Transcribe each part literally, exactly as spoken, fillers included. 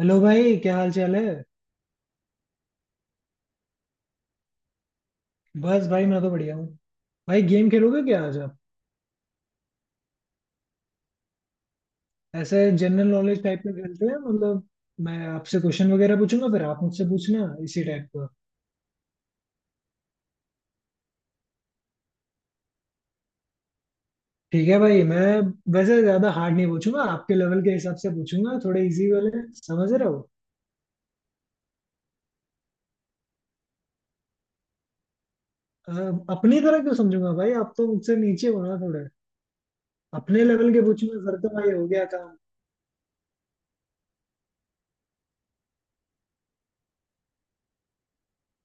Hello भाई, क्या हाल चाल है। बस भाई, मैं तो बढ़िया हूँ। भाई, गेम खेलोगे क्या आज आप? ऐसे जनरल नॉलेज टाइप का खेलते हैं, मतलब मैं आपसे क्वेश्चन वगैरह पूछूंगा, फिर आप मुझसे पूछना इसी टाइप का। ठीक है भाई, मैं वैसे ज्यादा हार्ड नहीं पूछूंगा, आपके लेवल के हिसाब से पूछूंगा थोड़े इजी वाले। समझ रहे हो? अ, अपनी तरह क्यों समझूंगा भाई, आप तो मुझसे नीचे हो ना थोड़े। अपने लेवल के पूछूंगा फिर तो भाई हो गया काम।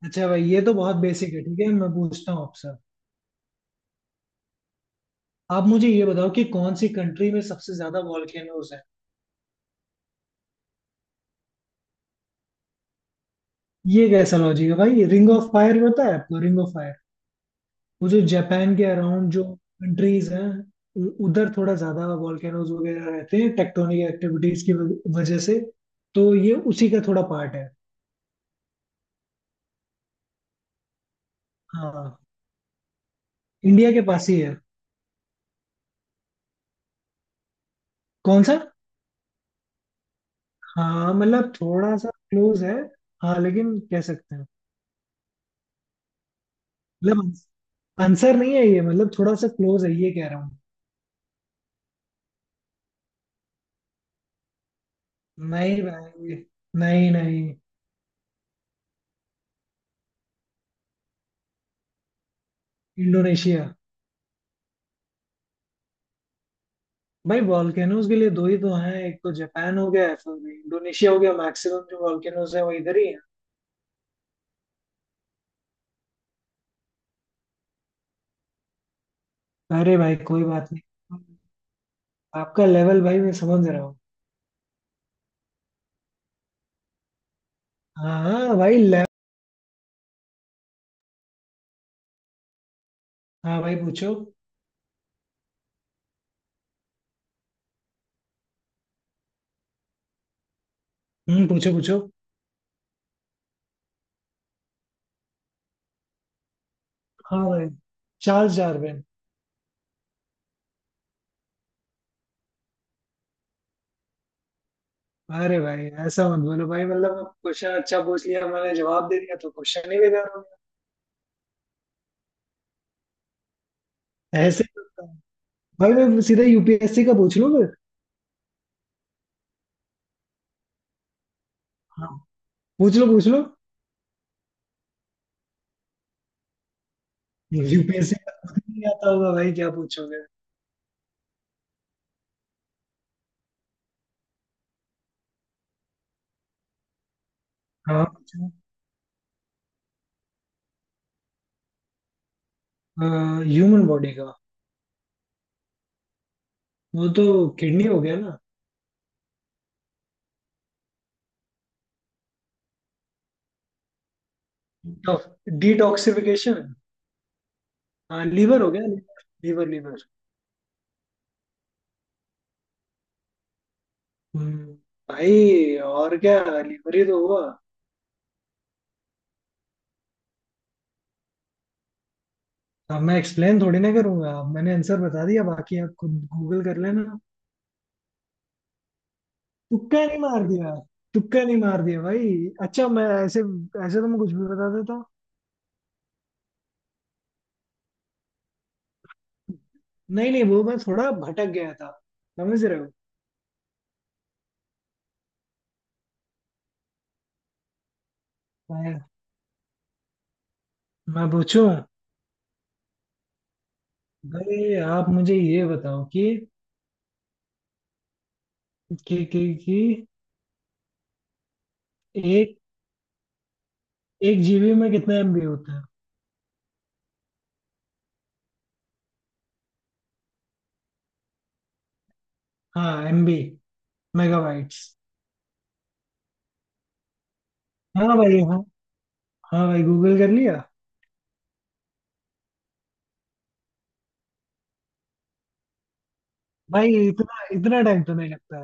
अच्छा भाई, ये तो बहुत बेसिक है। ठीक है, मैं पूछता हूँ आपसे। आप मुझे ये बताओ कि कौन सी कंट्री में सबसे ज्यादा वॉल्केनोज है? ये कैसा लॉजिक है भाई? रिंग ऑफ फायर पता है आपको? रिंग ऑफ फायर, वो जो जापान के अराउंड जो कंट्रीज हैं, उ- उधर थोड़ा ज्यादा वॉल्केनोज वगैरह रहते हैं टेक्टोनिक एक्टिविटीज की वज- वजह से। तो ये उसी का थोड़ा पार्ट है। हाँ, इंडिया के पास ही है। कौन सा? हाँ मतलब थोड़ा सा क्लोज है। हाँ, लेकिन कह सकते हैं। मतलब आंसर नहीं है ये, मतलब थोड़ा सा क्लोज है ये कह रहा हूँ। नहीं भाई, नहीं नहीं। इंडोनेशिया। भाई, वॉल्केनोज के लिए दो ही तो हैं, एक तो जापान हो गया, फिर इंडोनेशिया हो गया। मैक्सिमम जो वॉल्केनोज है वो इधर ही है। अरे भाई, कोई बात नहीं। आपका लेवल भाई मैं समझ रहा हूँ। हाँ हाँ भाई ले... हाँ भाई पूछो। हम्म पूछो पूछो। हाँ भाई, चार्ल्स डार्विन। अरे भाई, ऐसा मत बोलो भाई। मतलब क्वेश्चन अच्छा पूछ लिया, मैंने जवाब दे दिया तो क्वेश्चन ही बेकार हो गया। ऐसे ही होता है। भाई मैं सीधा यूपीएससी का पूछ लूँ फिर। हाँ, पूछ लो पूछ लो। यूपीएससी का खुद ही नहीं आता होगा भाई, क्या पूछोगे? हाँ। ह्यूमन बॉडी का। वो तो किडनी हो गया ना? डिटॉक्सिफिकेशन। हाँ, लीवर हो गया। Liver liver. हम्म, भाई और क्या, लीवर ही तो हुआ। अब मैं एक्सप्लेन थोड़ी ना करूंगा, अब मैंने आंसर बता दिया, बाकी आप खुद गूगल कर लेना। तुक्का नहीं मार दिया। तुक्का नहीं मार दिया भाई। अच्छा मैं ऐसे, ऐसे तो मैं कुछ भी बता देता। नहीं नहीं, वो मैं थोड़ा भटक गया था। समझ रहे हो? मैं मैं पूछूं? भाई आप मुझे ये बताओ कि कि कि, कि एक एक जीबी में कितना एमबी होता है? हाँ, एमबी, मेगाबाइट्स। हाँ भाई हाँ। हाँ भाई, गूगल कर लिया। भाई, इतना इतना टाइम तो नहीं लगता है।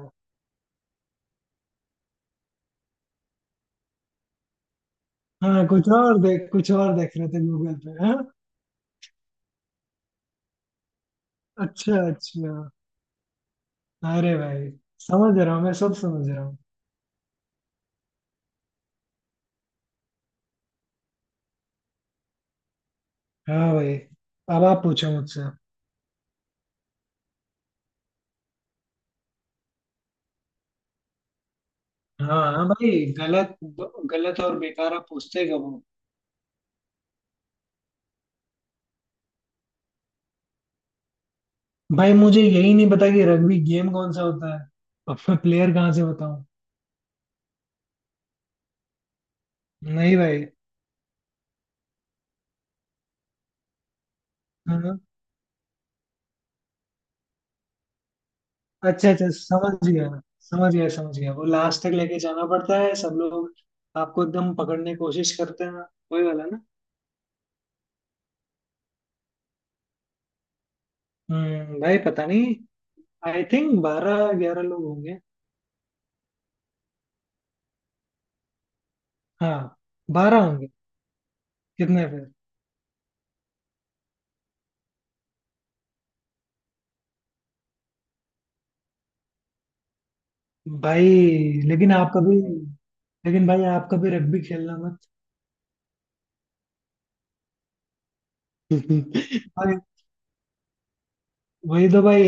हाँ, कुछ और देख कुछ और देख रहे थे गूगल पे, हाँ। अच्छा अच्छा। अरे भाई, समझ रहा हूँ, मैं सब समझ रहा हूँ। हाँ भाई। अब आप पूछो मुझसे। हाँ हाँ भाई। गलत गलत और बेकार आप पूछते कब हो? भाई, मुझे यही नहीं पता कि रग्बी गेम कौन सा होता है, अब मैं प्लेयर कहाँ से बताऊँ? नहीं भाई। अच्छा अच्छा, समझ गया। समझ गया समझ गया। वो लास्ट तक लेके जाना पड़ता है, सब लोग आपको एकदम पकड़ने की कोशिश करते हैं, वही वाला ना? हम्म भाई पता नहीं। आई थिंक बारह ग्यारह लोग होंगे। हाँ, बारह होंगे। कितने फिर? भाई, लेकिन आप कभी लेकिन भाई आप कभी रग्बी खेलना मत। भाई, वही तो भाई।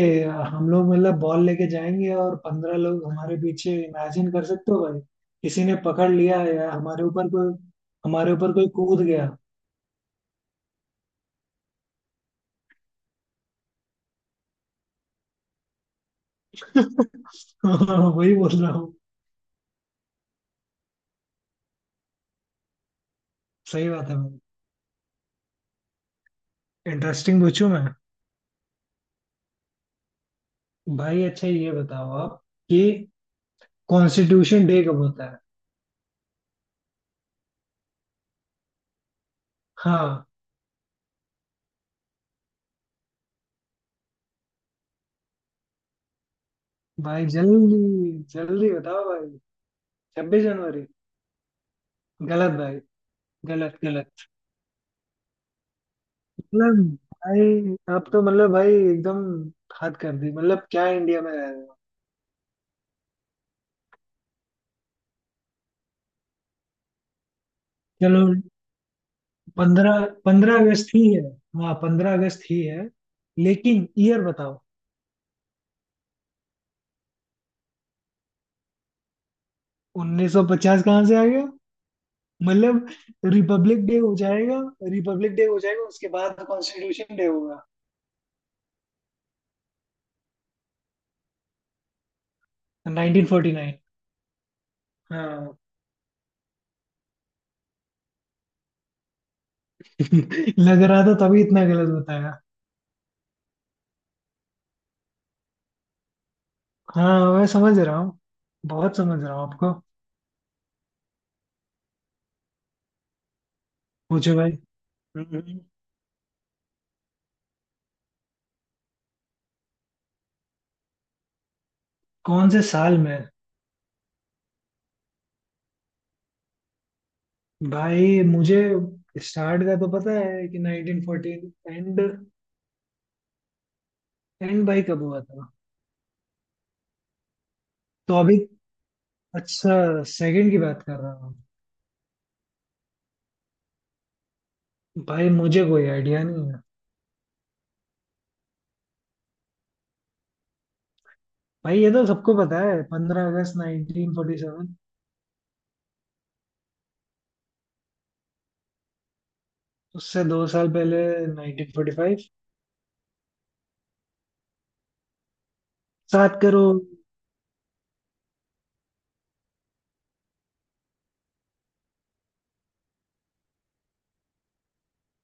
हम लोग मतलब बॉल लेके जाएंगे और पंद्रह लोग हमारे पीछे, इमेजिन कर सकते हो भाई? किसी ने पकड़ लिया या हमारे ऊपर कोई हमारे ऊपर कोई कूद गया। वही बोल रहा हूँ। सही बात है भाई। इंटरेस्टिंग पूछूं मैं? भाई अच्छा ये बताओ आप, कि कॉन्स्टिट्यूशन डे कब होता है? हाँ भाई, जल्दी जल्दी बताओ भाई। छब्बीस जनवरी? गलत भाई। गलत गलत। मतलब भाई, आप तो मतलब भाई एकदम हद कर दी। मतलब क्या इंडिया में रह रहे हो? चलो, पंद्रह पंद्रह अगस्त ही है। हाँ, पंद्रह अगस्त ही है, लेकिन ईयर बताओ। उन्नीस सौ पचास कहाँ से आ गया? मतलब रिपब्लिक डे हो जाएगा। रिपब्लिक डे हो जाएगा उसके बाद कॉन्स्टिट्यूशन डे होगा। Nineteen forty nine. हाँ। लग रहा था तभी इतना गलत बताया। हाँ, मैं समझ रहा हूँ, बहुत समझ रहा हूँ आपको। पूछो भाई। हम्म। कौन से साल में? भाई मुझे स्टार्ट का तो पता है कि नाइन्टीन फोर्टीन एंड एंड भाई कब हुआ था? तो अभी अच्छा, सेकंड की बात कर रहा हूँ। भाई मुझे कोई आइडिया नहीं है। भाई ये तो सबको पता है, पंद्रह अगस्त नाइन्टीन फोर्टी सेवन। उससे दो साल पहले नाइन्टीन फोर्टी फाइव। सात करोड़।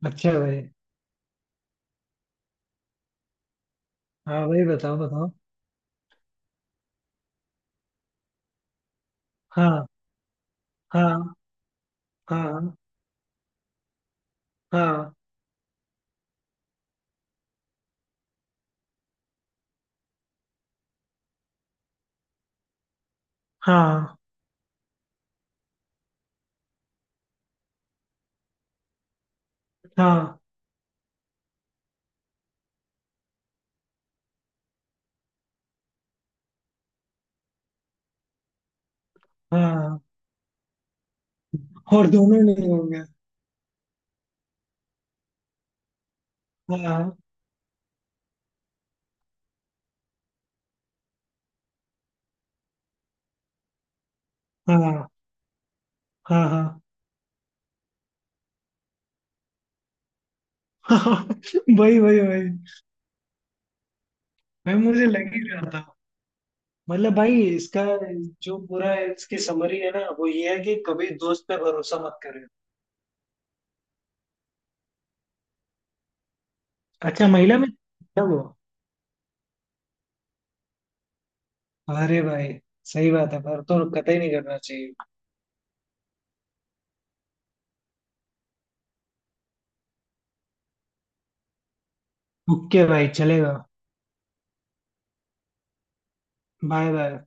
अच्छा भाई। हाँ भाई, बताओ बताओ। हाँ हाँ हाँ हाँ हाँ हाँ हाँ। और दोनों नहीं होंगे। हाँ हाँ हाँ हाँ हाँ। भाई भाई भाई। भाई मुझे लग ही रहा था। मतलब भाई इसका जो पूरा इसकी समरी है ना, वो ये है कि कभी दोस्त पे भरोसा मत करें। अच्छा महिला में, तब वो। अरे भाई, सही बात है, पर तो कतई नहीं करना चाहिए। ओके भाई, चलेगा। Bye bye.